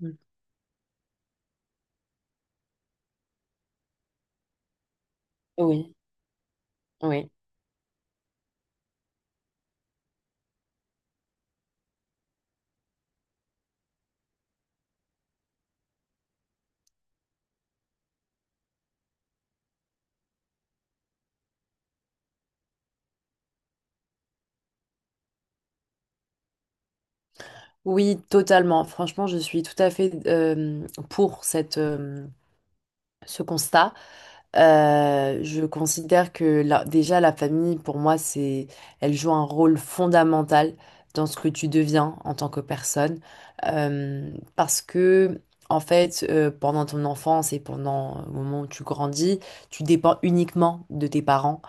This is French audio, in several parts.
Mm. Oui, oui. Oui, totalement. Franchement, je suis tout à fait pour cette, ce constat. Je considère que déjà la famille, pour moi, elle joue un rôle fondamental dans ce que tu deviens en tant que personne. Parce que, en fait, pendant ton enfance et pendant le moment où tu grandis, tu dépends uniquement de tes parents.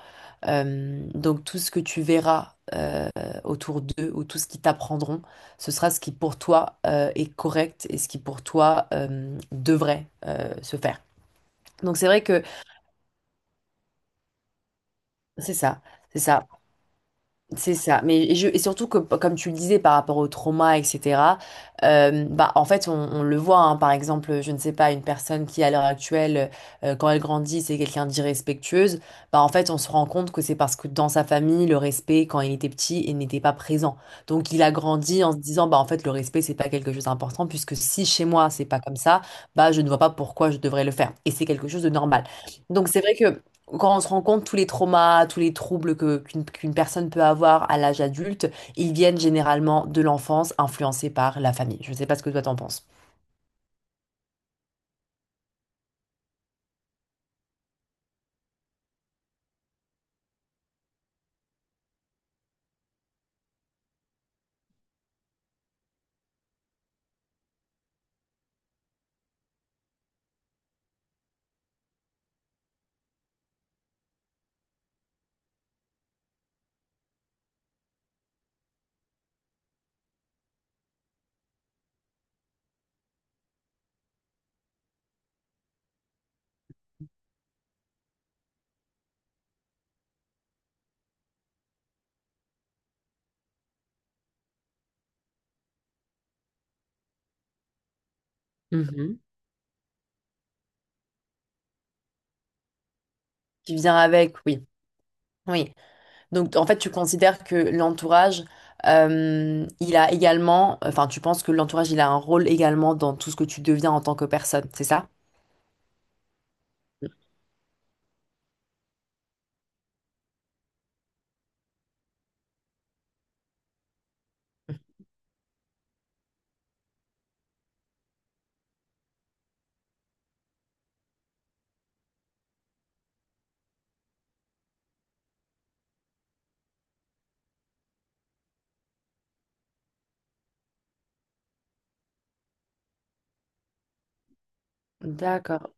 Donc tout ce que tu verras autour d'eux ou tout ce qu'ils t'apprendront, ce sera ce qui pour toi est correct et ce qui pour toi devrait se faire. Donc c'est vrai que c'est ça, c'est ça. C'est ça. Mais je, et surtout que, comme tu le disais, par rapport au trauma, etc., bah, en fait, on le voit, hein. Par exemple, je ne sais pas, une personne qui, à l'heure actuelle, quand elle grandit, c'est quelqu'un d'irrespectueuse, bah, en fait, on se rend compte que c'est parce que dans sa famille, le respect, quand il était petit, il n'était pas présent. Donc, il a grandi en se disant, bah, en fait, le respect, c'est pas quelque chose d'important, puisque si chez moi, c'est pas comme ça, bah, je ne vois pas pourquoi je devrais le faire. Et c'est quelque chose de normal. Donc, c'est vrai que quand on se rend compte tous les traumas, tous les troubles que, qu'une personne peut avoir à l'âge adulte, ils viennent généralement de l'enfance, influencés par la famille. Je ne sais pas ce que toi t'en penses. Mhm. Qui vient avec, oui. Oui. Donc en fait, tu considères que l'entourage, il a également, enfin, tu penses que l'entourage, il a un rôle également dans tout ce que tu deviens en tant que personne, c'est ça? D'accord.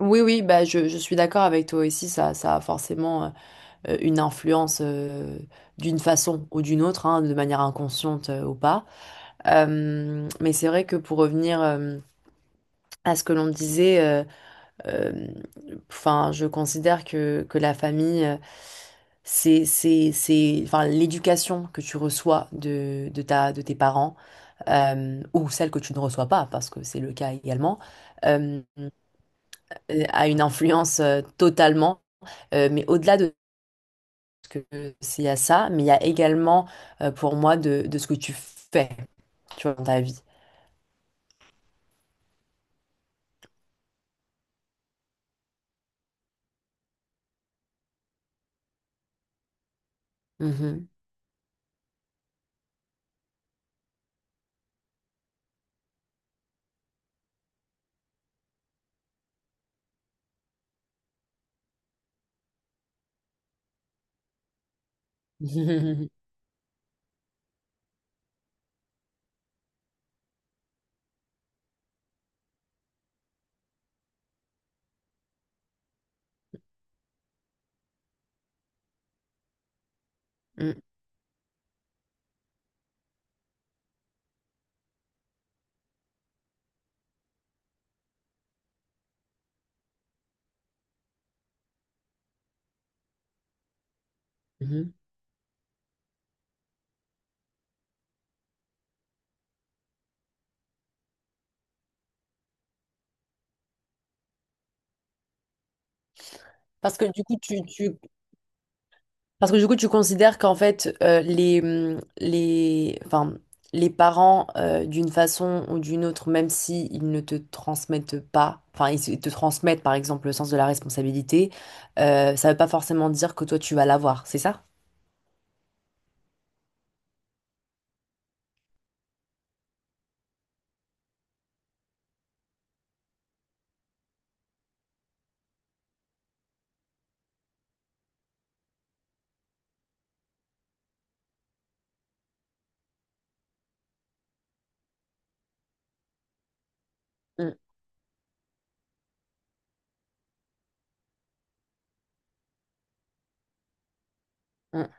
Oui, oui, bah je suis d'accord avec toi aussi, ça a forcément. Une influence d'une façon ou d'une autre, hein, de manière inconsciente ou pas. Mais c'est vrai que pour revenir à ce que l'on disait, euh, enfin, je considère que la famille, c'est, enfin, l'éducation que tu reçois de ta, de tes parents, ou celle que tu ne reçois pas, parce que c'est le cas également, euh, a une influence totalement. Mais au-delà de que c'est à ça, mais il y a également pour moi de ce que tu fais, tu vois, dans ta vie. Mhm. Mm, mhm. Parce que du coup, tu, tu- Parce que du coup, tu considères qu'en fait, les, enfin, les parents, d'une façon ou d'une autre, même si ils ne te transmettent pas, enfin, ils te transmettent, par exemple, le sens de la responsabilité, ça ne veut pas forcément dire que toi, tu vas l'avoir, c'est ça? Mm, mm,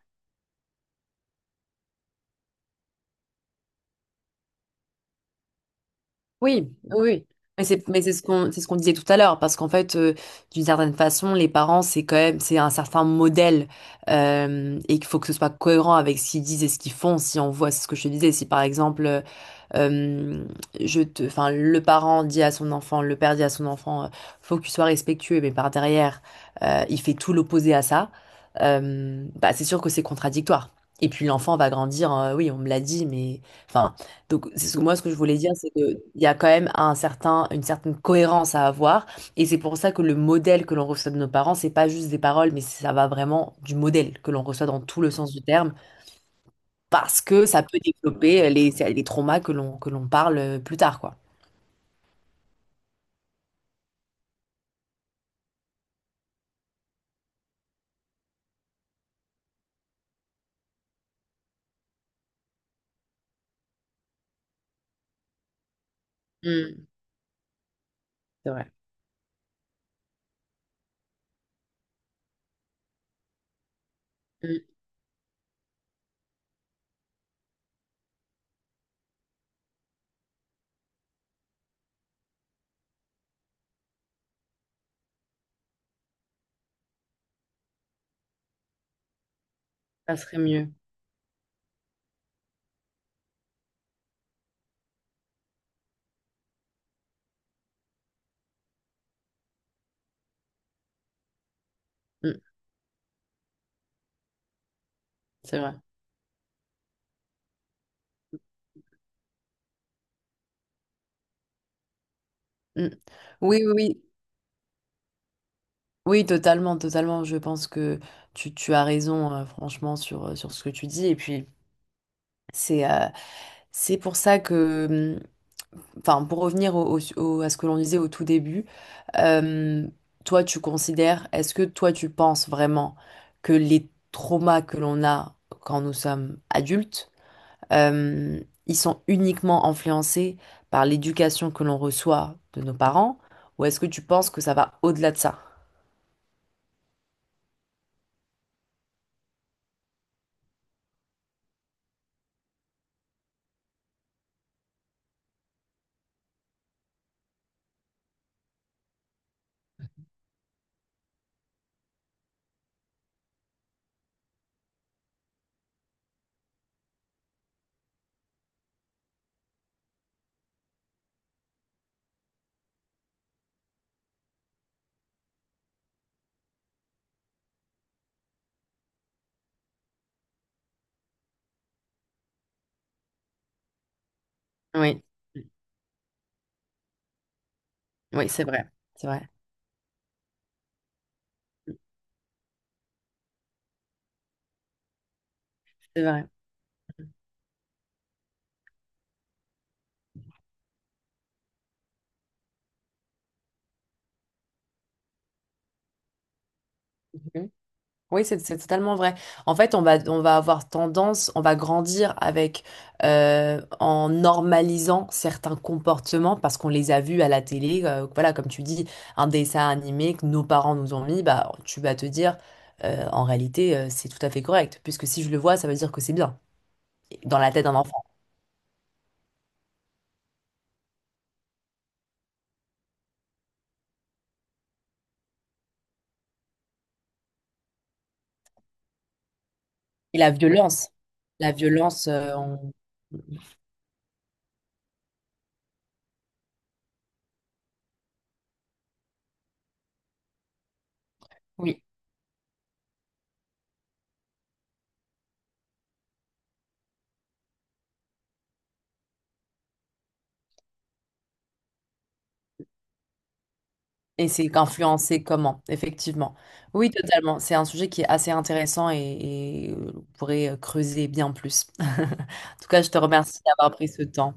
oui, oui. Oui. Mais c'est ce qu'on disait tout à l'heure, parce qu'en fait, d'une certaine façon, les parents, c'est quand même, c'est un certain modèle, et qu'il faut que ce soit cohérent avec ce qu'ils disent et ce qu'ils font. Si on voit, c'est ce que je te disais, si par exemple, euh, je te, enfin, le parent dit à son enfant, le père dit à son enfant, faut que tu sois respectueux, mais par derrière, il fait tout l'opposé à ça, bah, c'est sûr que c'est contradictoire. Et puis l'enfant va grandir, oui, on me l'a dit, mais, enfin. Donc, c'est ce que moi, ce que je voulais dire, c'est qu'il y a quand même un certain, une certaine cohérence à avoir. Et c'est pour ça que le modèle que l'on reçoit de nos parents, c'est pas juste des paroles, mais ça va vraiment du modèle que l'on reçoit dans tout le sens du terme, parce que ça peut développer les traumas que l'on parle plus tard, quoi. Mm, c'est vrai. Mm, ça serait mieux. Mm, c'est vrai. Mm. Oui, oui, oui. Oui, totalement, totalement. Je pense que tu as raison, franchement, sur, sur ce que tu dis. Et puis, c'est euh, c'est pour ça que. Mmh, enfin, pour revenir à ce que l'on disait au tout début, euh, toi, tu considères, est-ce que toi, tu penses vraiment que les traumas que l'on a quand nous sommes adultes, euh, ils sont uniquement influencés par l'éducation que l'on reçoit de nos parents, ou est-ce que tu penses que ça va au-delà de ça? Oui, oui, c'est vrai, c'est vrai, c'est vrai. Oui, c'est totalement vrai. En fait, on va avoir tendance, on va grandir avec, en normalisant certains comportements parce qu'on les a vus à la télé. Euh, voilà, comme tu dis, un dessin animé que nos parents nous ont mis, bah, tu vas te dire, en réalité, c'est tout à fait correct. Puisque si je le vois, ça veut dire que c'est bien, dans la tête d'un enfant. Et la violence, oui. Et c'est influencé comment, effectivement. Oui, totalement. C'est un sujet qui est assez intéressant et on pourrait creuser bien plus. En tout cas, je te remercie d'avoir pris ce temps.